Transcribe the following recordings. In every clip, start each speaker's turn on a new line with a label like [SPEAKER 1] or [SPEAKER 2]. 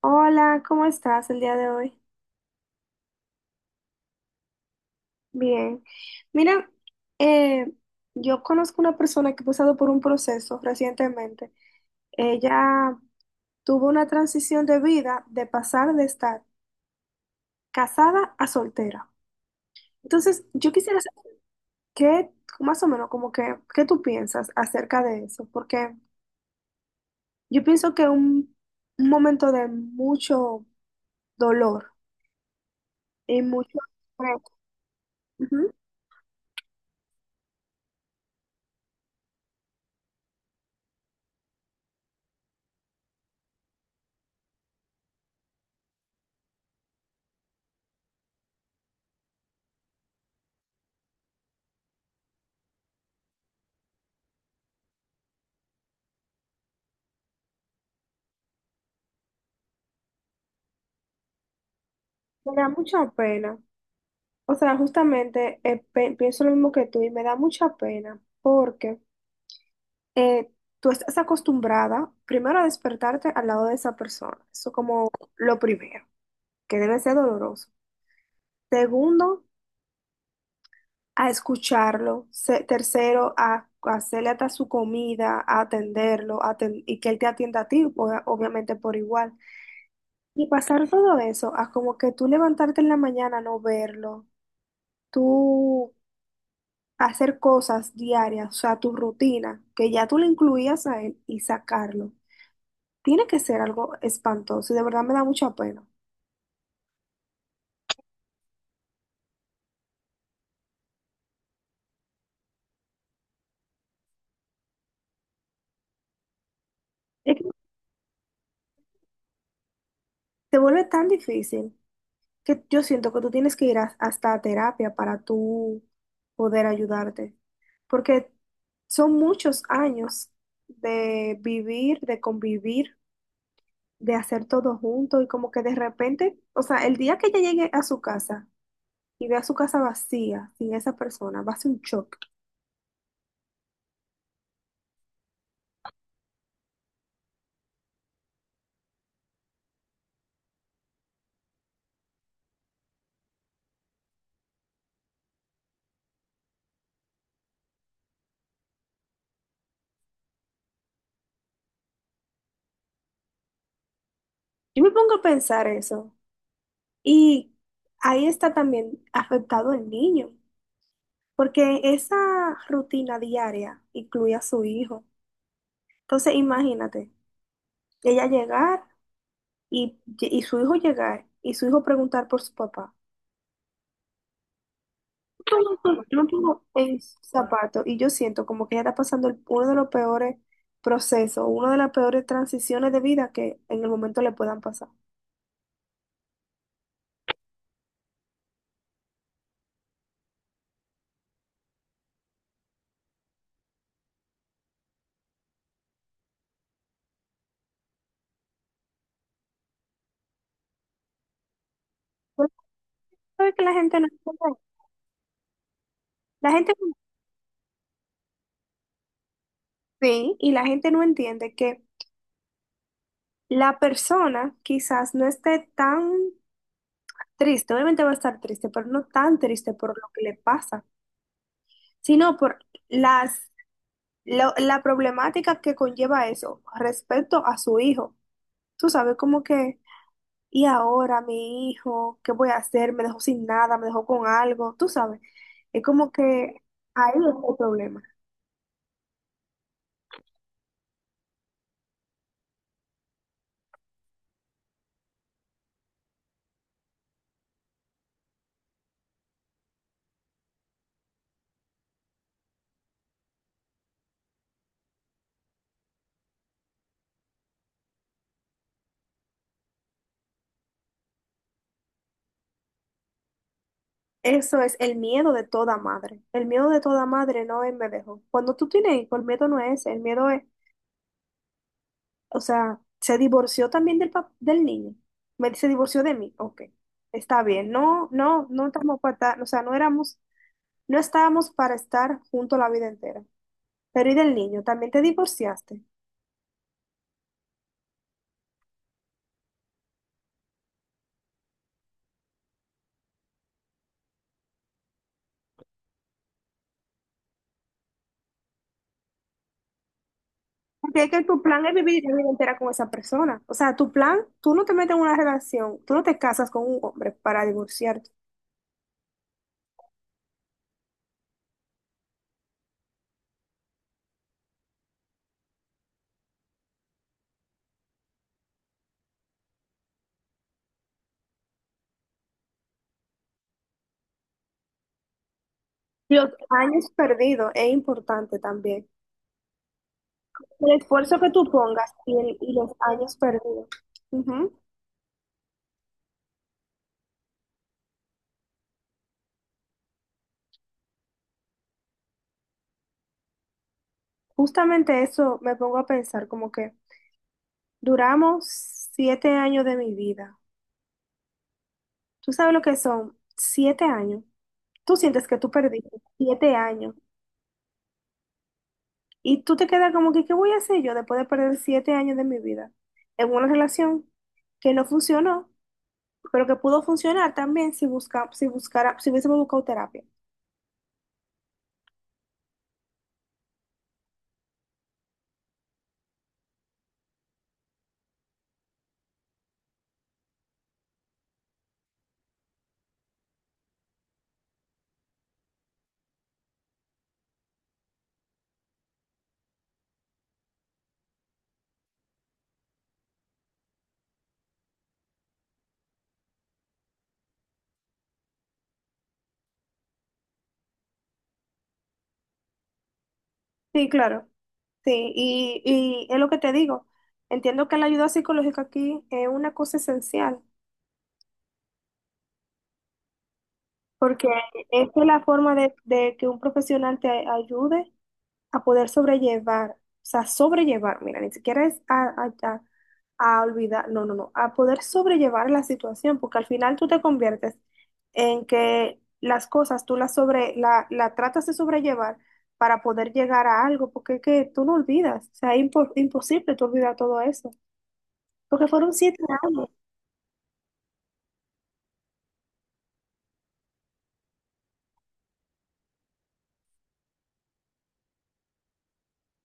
[SPEAKER 1] Hola, ¿cómo estás el día de hoy? Bien. Mira, eh, yo conozco una persona que ha pasado por un proceso recientemente. Ella tuvo una transición de vida de pasar de estar casada a soltera. Entonces, yo quisiera saber qué, más o menos, como que, qué tú piensas acerca de eso, porque yo pienso que un momento de mucho dolor y mucho. Ujú. Me da mucha pena. O sea, justamente pienso lo mismo que tú y me da mucha pena porque eh, tú estás acostumbrada primero a despertarte al lado de esa persona, eso como lo primero, que debe ser doloroso. Segundo, a escucharlo. Tercero, a hacerle hasta su comida, a atenderlo, y que él te atienda a ti, obviamente por igual. Y pasar todo eso a como que tú levantarte en la mañana, no verlo, tú hacer cosas diarias, o sea, tu rutina, que ya tú le incluías a él y sacarlo, tiene que ser algo espantoso y de verdad me da mucha pena. Es que se vuelve tan difícil que yo siento que tú tienes que ir hasta a terapia para tú poder ayudarte, porque son muchos años de vivir, de convivir, de hacer todo junto y como que de repente, o sea, el día que ella llegue a su casa y vea su casa vacía, sin esa persona, va a ser un shock. Yo me pongo a pensar eso. Y ahí está también afectado el niño, porque esa rutina diaria incluye a su hijo. Entonces, imagínate, ella llegar y su hijo llegar y su hijo preguntar por su papá. Yo me pongo en su zapato y yo siento como que ella está pasando uno de los peores procesos, una de las peores transiciones de vida que en el momento le puedan pasar. Pero tú sabes que la gente no entiende. La gente no- Sí, y la gente no entiende que la persona quizás no esté tan triste, obviamente va a estar triste, pero no tan triste por lo que le pasa, sino por las, la problemática que conlleva eso respecto a su hijo. Tú sabes, como que, y ahora mi hijo, ¿qué voy a hacer? Me dejó sin nada, me dejó con algo, tú sabes. Es como que ahí es el problema. Eso es el miedo de toda madre. El miedo de toda madre no es me dejó. Cuando tú tienes hijo, el miedo no es, ese, el miedo es, o sea, se divorció también del niño. Me se divorció de mí. Ok, está bien. No, no, no estamos para o sea, no éramos, no estábamos para estar juntos la vida entera. Pero ¿y del niño? También te divorciaste. Porque es que tu plan es vivir la vida entera con esa persona. O sea, tu plan, tú no te metes en una relación, tú no te casas con un hombre para divorciarte. Los años perdidos es importante también. El esfuerzo que tú pongas y los años perdidos. Ujú. Justamente eso me pongo a pensar, como que duramos 7 años de mi vida. ¿Tú sabes lo que son 7 años? Tú sientes que tú perdiste 7 años y tú te quedas como que, ¿qué voy a hacer yo después de perder 7 años de mi vida en una relación que no funcionó, pero que pudo funcionar también si buscara, si hubiésemos buscado terapia? Sí, claro. Sí, y es lo que te digo. Entiendo que la ayuda psicológica aquí es una cosa esencial, porque esta es la forma de que un profesional te ayude a poder sobrellevar, o sea, sobrellevar, mira, ni siquiera es a olvidar, no, no, no, a poder sobrellevar la situación, porque al final tú te conviertes en que las cosas tú las sobre, la tratas de sobrellevar para poder llegar a algo, porque es que tú no olvidas, o sea, es imposible tú olvidar todo eso, porque fueron 7 años.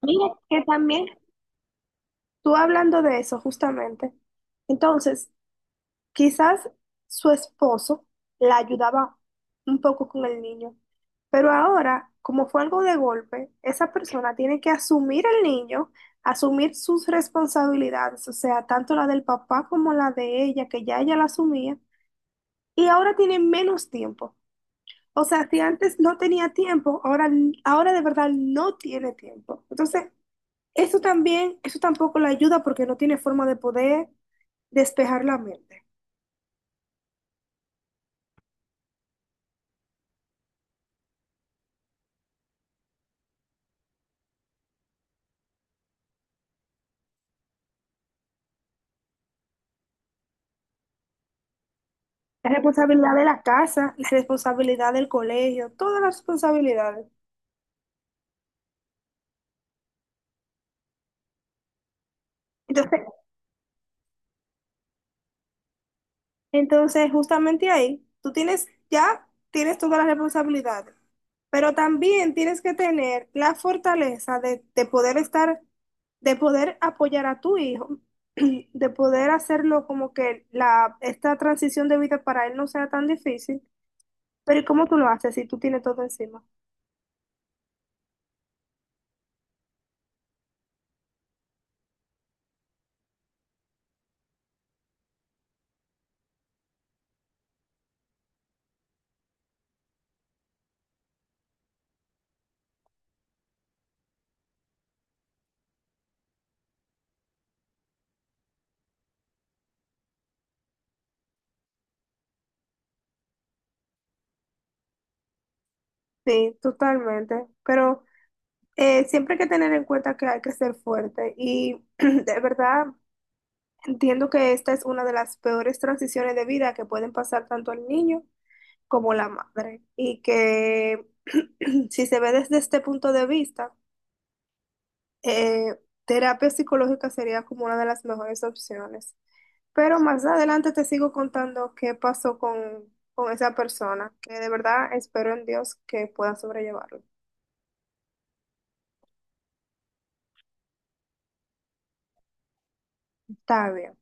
[SPEAKER 1] Mira, que también, tú hablando de eso, justamente, entonces, quizás su esposo la ayudaba un poco con el niño, pero ahora, como fue algo de golpe, esa persona tiene que asumir el niño, asumir sus responsabilidades, o sea, tanto la del papá como la de ella, que ya ella la asumía, y ahora tiene menos tiempo. O sea, si antes no tenía tiempo, ahora, ahora de verdad no tiene tiempo. Entonces, eso también, eso tampoco la ayuda porque no tiene forma de poder despejar la mente. La responsabilidad de la casa, la responsabilidad del colegio, todas las responsabilidades. Entonces, entonces, justamente ahí, tú tienes, ya tienes todas las responsabilidades, pero también tienes que tener la fortaleza de poder estar, de poder apoyar a tu hijo, de poder hacerlo como que la, esta transición de vida para él no sea tan difícil. Pero ¿y cómo tú lo haces si tú tienes todo encima? Sí, totalmente. Pero siempre hay que tener en cuenta que hay que ser fuerte y de verdad entiendo que esta es una de las peores transiciones de vida que pueden pasar tanto al niño como la madre y que si se ve desde este punto de vista, eh, terapia psicológica sería como una de las mejores opciones. Pero más adelante te sigo contando qué pasó con esa persona, que de verdad espero en Dios que pueda sobrellevarlo. Está bien.